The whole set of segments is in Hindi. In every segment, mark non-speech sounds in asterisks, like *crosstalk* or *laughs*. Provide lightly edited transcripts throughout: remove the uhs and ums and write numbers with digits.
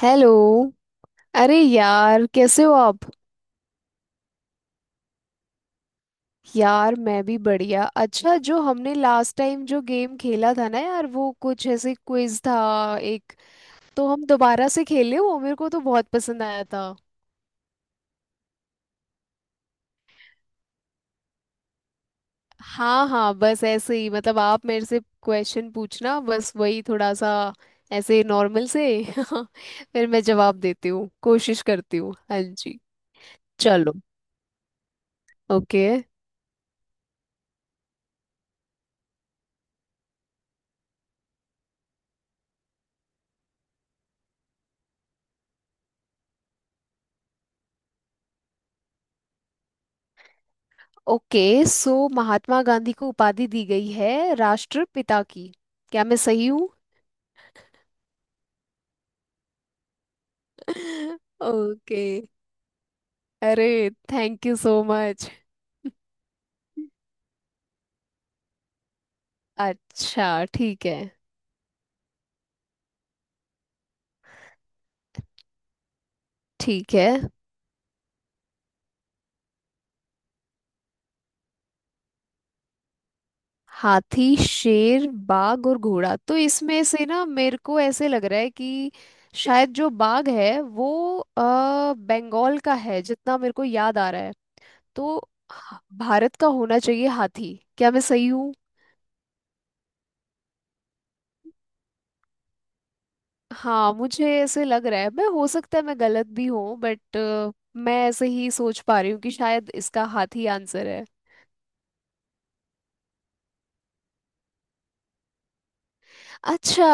हेलो। अरे यार, कैसे हो आप? यार मैं भी बढ़िया। अच्छा, जो हमने लास्ट टाइम जो गेम खेला था ना यार, वो कुछ ऐसे क्विज था एक, तो हम दोबारा से खेले। वो मेरे को तो बहुत पसंद आया था। हाँ हाँ, बस ऐसे ही मतलब आप मेरे से क्वेश्चन पूछना, बस वही थोड़ा सा ऐसे नॉर्मल से। *laughs* फिर मैं जवाब देती हूँ, कोशिश करती हूँ। हाँ जी। चलो। Okay. Okay, so Mahatma Gandhi को उपाधि दी गई है राष्ट्रपिता की। क्या मैं सही हूँ? *laughs* ओके। अरे, थैंक यू सो मच। अच्छा ठीक है। ठीक है। हाथी, शेर, बाघ और घोड़ा। तो इसमें से ना मेरे को ऐसे लग रहा है कि शायद जो बाघ है वो बंगाल का है, जितना मेरे को याद आ रहा है। तो भारत का होना चाहिए हाथी। क्या मैं सही? हाँ मुझे ऐसे लग रहा है। मैं, हो सकता है मैं गलत भी हूँ, बट मैं ऐसे ही सोच पा रही हूँ कि शायद इसका हाथ ही आंसर है। अच्छा,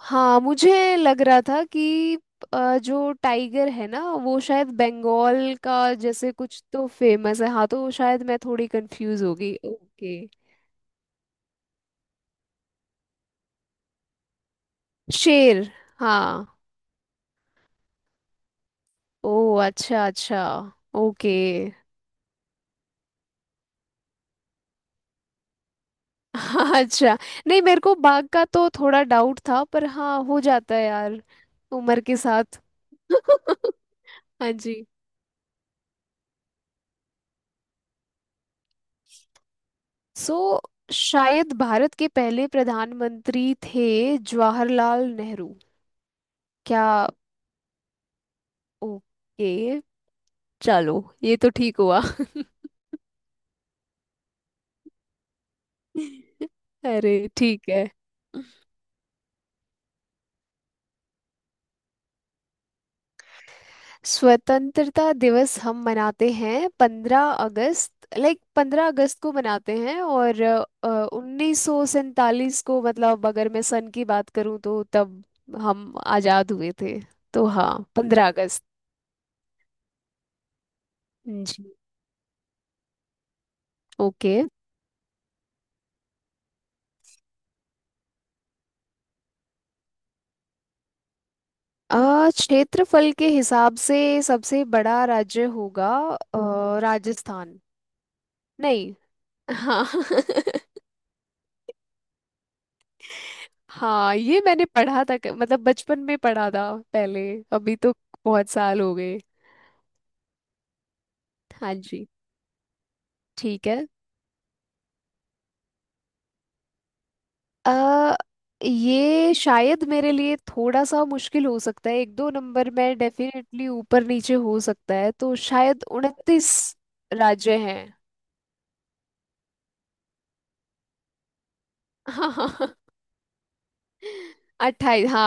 हाँ मुझे लग रहा था कि जो टाइगर है ना वो शायद बंगाल का जैसे कुछ तो फेमस है। हाँ तो शायद मैं थोड़ी कंफ्यूज हो गई। ओके। शेर। हाँ। ओ अच्छा अच्छा। ओके। *laughs* हाँ, अच्छा। नहीं, मेरे को बाघ का तो थोड़ा डाउट था, पर हाँ, हो जाता है यार उम्र के साथ। *laughs* हाँ जी। सो शायद भारत के पहले प्रधानमंत्री थे जवाहरलाल नेहरू। क्या? ओके, चलो, ये तो ठीक हुआ। *laughs* अरे, ठीक है। स्वतंत्रता दिवस हम मनाते हैं 15 अगस्त, लाइक 15 अगस्त को मनाते हैं। और 1947 को, मतलब अगर मैं सन की बात करूं तो तब हम आजाद हुए थे। तो हाँ, 15 अगस्त। जी। ओके। आ, क्षेत्रफल के हिसाब से सबसे बड़ा राज्य होगा राजस्थान। नहीं, हाँ। *laughs* हाँ, ये मैंने पढ़ा था, मतलब बचपन में पढ़ा था पहले। अभी तो बहुत साल हो गए। हाँ जी, ठीक है। अ ये शायद मेरे लिए थोड़ा सा मुश्किल हो सकता है। एक दो नंबर में डेफिनेटली ऊपर नीचे हो सकता है, तो शायद 29 राज्य हैं। *laughs* हाँ, 28, हाँ।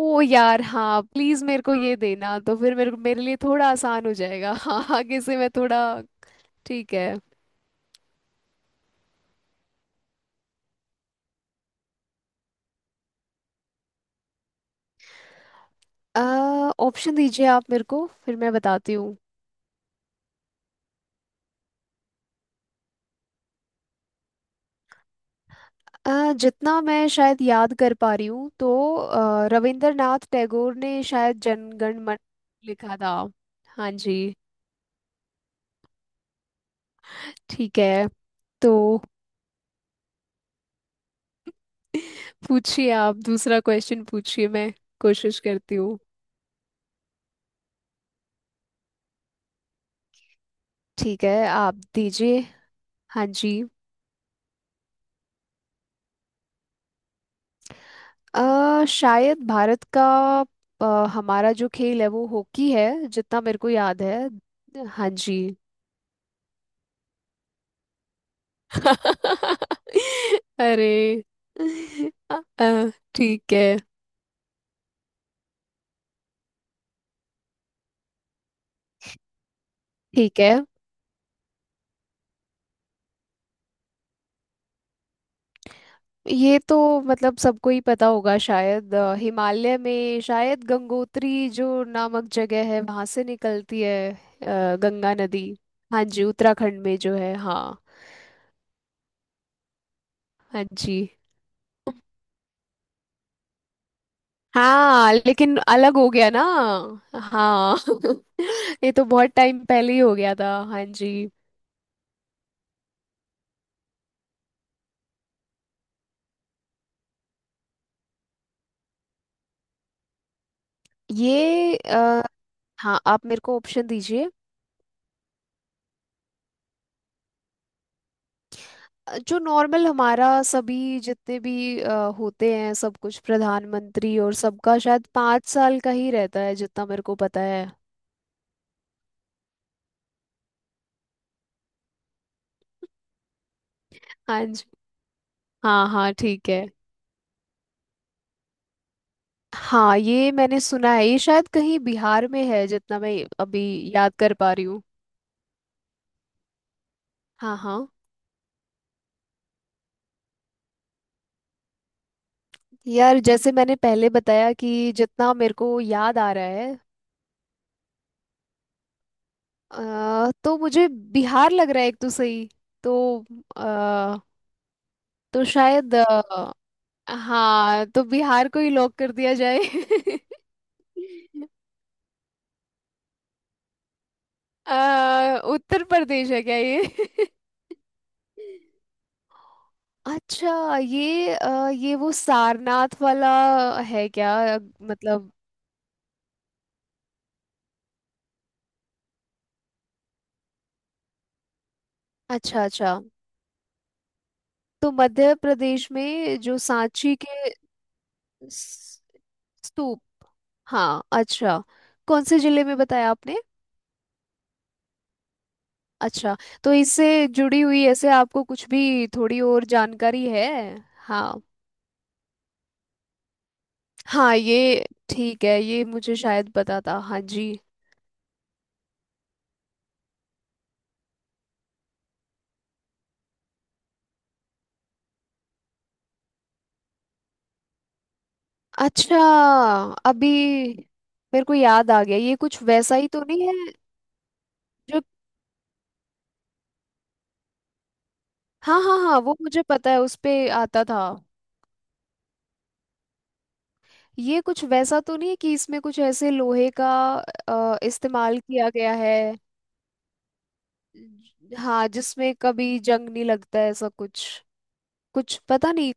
ओ यार, हाँ प्लीज मेरे को ये देना, तो फिर मेरे मेरे लिए थोड़ा आसान हो जाएगा। *laughs* हाँ आगे से मैं थोड़ा ठीक है। अ ऑप्शन दीजिए आप मेरे को, फिर मैं बताती हूँ। अ, जितना मैं शायद याद कर पा रही हूँ तो रविंद्रनाथ टैगोर ने शायद जनगण मन लिखा था। हाँ जी। ठीक है तो पूछिए, आप दूसरा क्वेश्चन पूछिए, मैं कोशिश करती हूँ। ठीक है, आप दीजिए। हाँ जी। शायद भारत का अ, हमारा जो खेल है वो हॉकी है, जितना मेरे को याद है। हाँ जी। *laughs* अरे, ठीक है। ठीक है, ये तो मतलब सबको ही पता होगा। शायद हिमालय में शायद गंगोत्री जो नामक जगह है वहां से निकलती है, गंगा नदी। हाँ जी, उत्तराखंड में जो है, हाँ। हाँ जी। हाँ लेकिन अलग हो गया ना। हाँ। *laughs* ये तो बहुत टाइम पहले ही हो गया था। हाँ जी। ये अ, हाँ, आप मेरे को ऑप्शन दीजिए। जो नॉर्मल हमारा सभी, जितने भी होते हैं सब कुछ प्रधानमंत्री, और सबका शायद 5 साल का ही रहता है, जितना मेरे को पता है। हाँ जी। हाँ हाँ ठीक है। हाँ, ये मैंने सुना है। ये शायद कहीं बिहार में है, जितना मैं अभी याद कर पा रही हूँ। हाँ हाँ। यार जैसे मैंने पहले बताया कि जितना मेरे को याद आ रहा है, तो मुझे बिहार लग रहा है एक तो सही। तो अ, शायद, हाँ तो बिहार को ही लॉक कर दिया जाए। *laughs* उत्तर प्रदेश है क्या ये? *laughs* अच्छा, ये ये वो सारनाथ वाला है क्या? मतलब अच्छा अच्छा, तो मध्य प्रदेश में जो सांची के स- स्तूप। हाँ, अच्छा, कौन से जिले में बताया आपने? अच्छा, तो इससे जुड़ी हुई ऐसे आपको कुछ भी थोड़ी और जानकारी है? हाँ हाँ, ये ठीक है, ये मुझे शायद पता था। हाँ जी। अच्छा, अभी मेरे को याद आ गया, ये कुछ वैसा ही तो नहीं है जो, हाँ हाँ हाँ, वो मुझे पता है उस पे आता था। ये कुछ वैसा तो नहीं है कि इसमें कुछ ऐसे लोहे का इस्तेमाल किया गया है? हाँ, जिसमें कभी जंग नहीं लगता है, ऐसा कुछ, कुछ पता नहीं।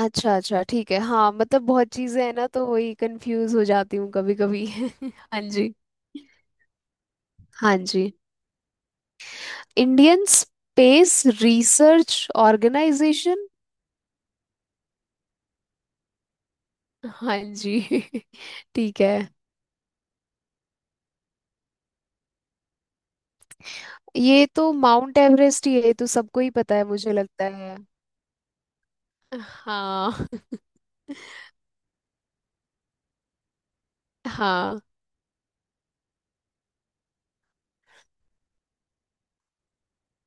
अच्छा अच्छा ठीक है। हाँ मतलब बहुत चीजें हैं ना, तो वही कंफ्यूज हो जाती हूँ कभी कभी। *laughs* हाँ जी। हाँ जी, इंडियन स्पेस रिसर्च ऑर्गेनाइजेशन। हाँ जी। *laughs* ठीक है। ये तो माउंट एवरेस्ट ही है, ये तो सबको ही पता है, मुझे लगता है। हाँ। *laughs* हाँ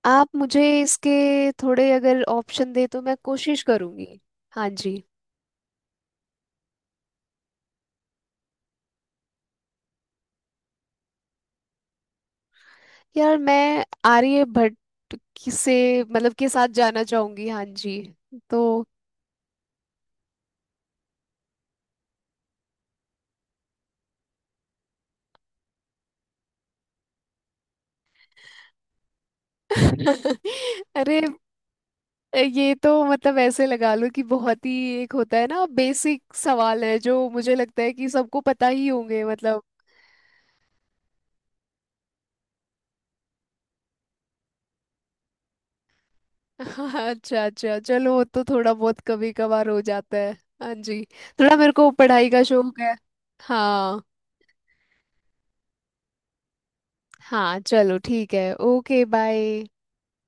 आप मुझे इसके थोड़े अगर ऑप्शन दे तो मैं कोशिश करूंगी। हाँ जी। यार मैं आर्यभट्ट, किसे मतलब, के साथ जाना चाहूंगी। हाँ जी तो। *laughs* अरे, ये तो मतलब ऐसे लगा लो कि बहुत ही एक होता है ना, बेसिक सवाल है, जो मुझे लगता है कि सबको पता ही होंगे मतलब। *laughs* अच्छा अच्छा, चलो वो तो थोड़ा बहुत कभी कभार हो जाता है। हाँ जी। थोड़ा मेरे को पढ़ाई का शौक है। हाँ। हाँ चलो ठीक है, ओके बाय।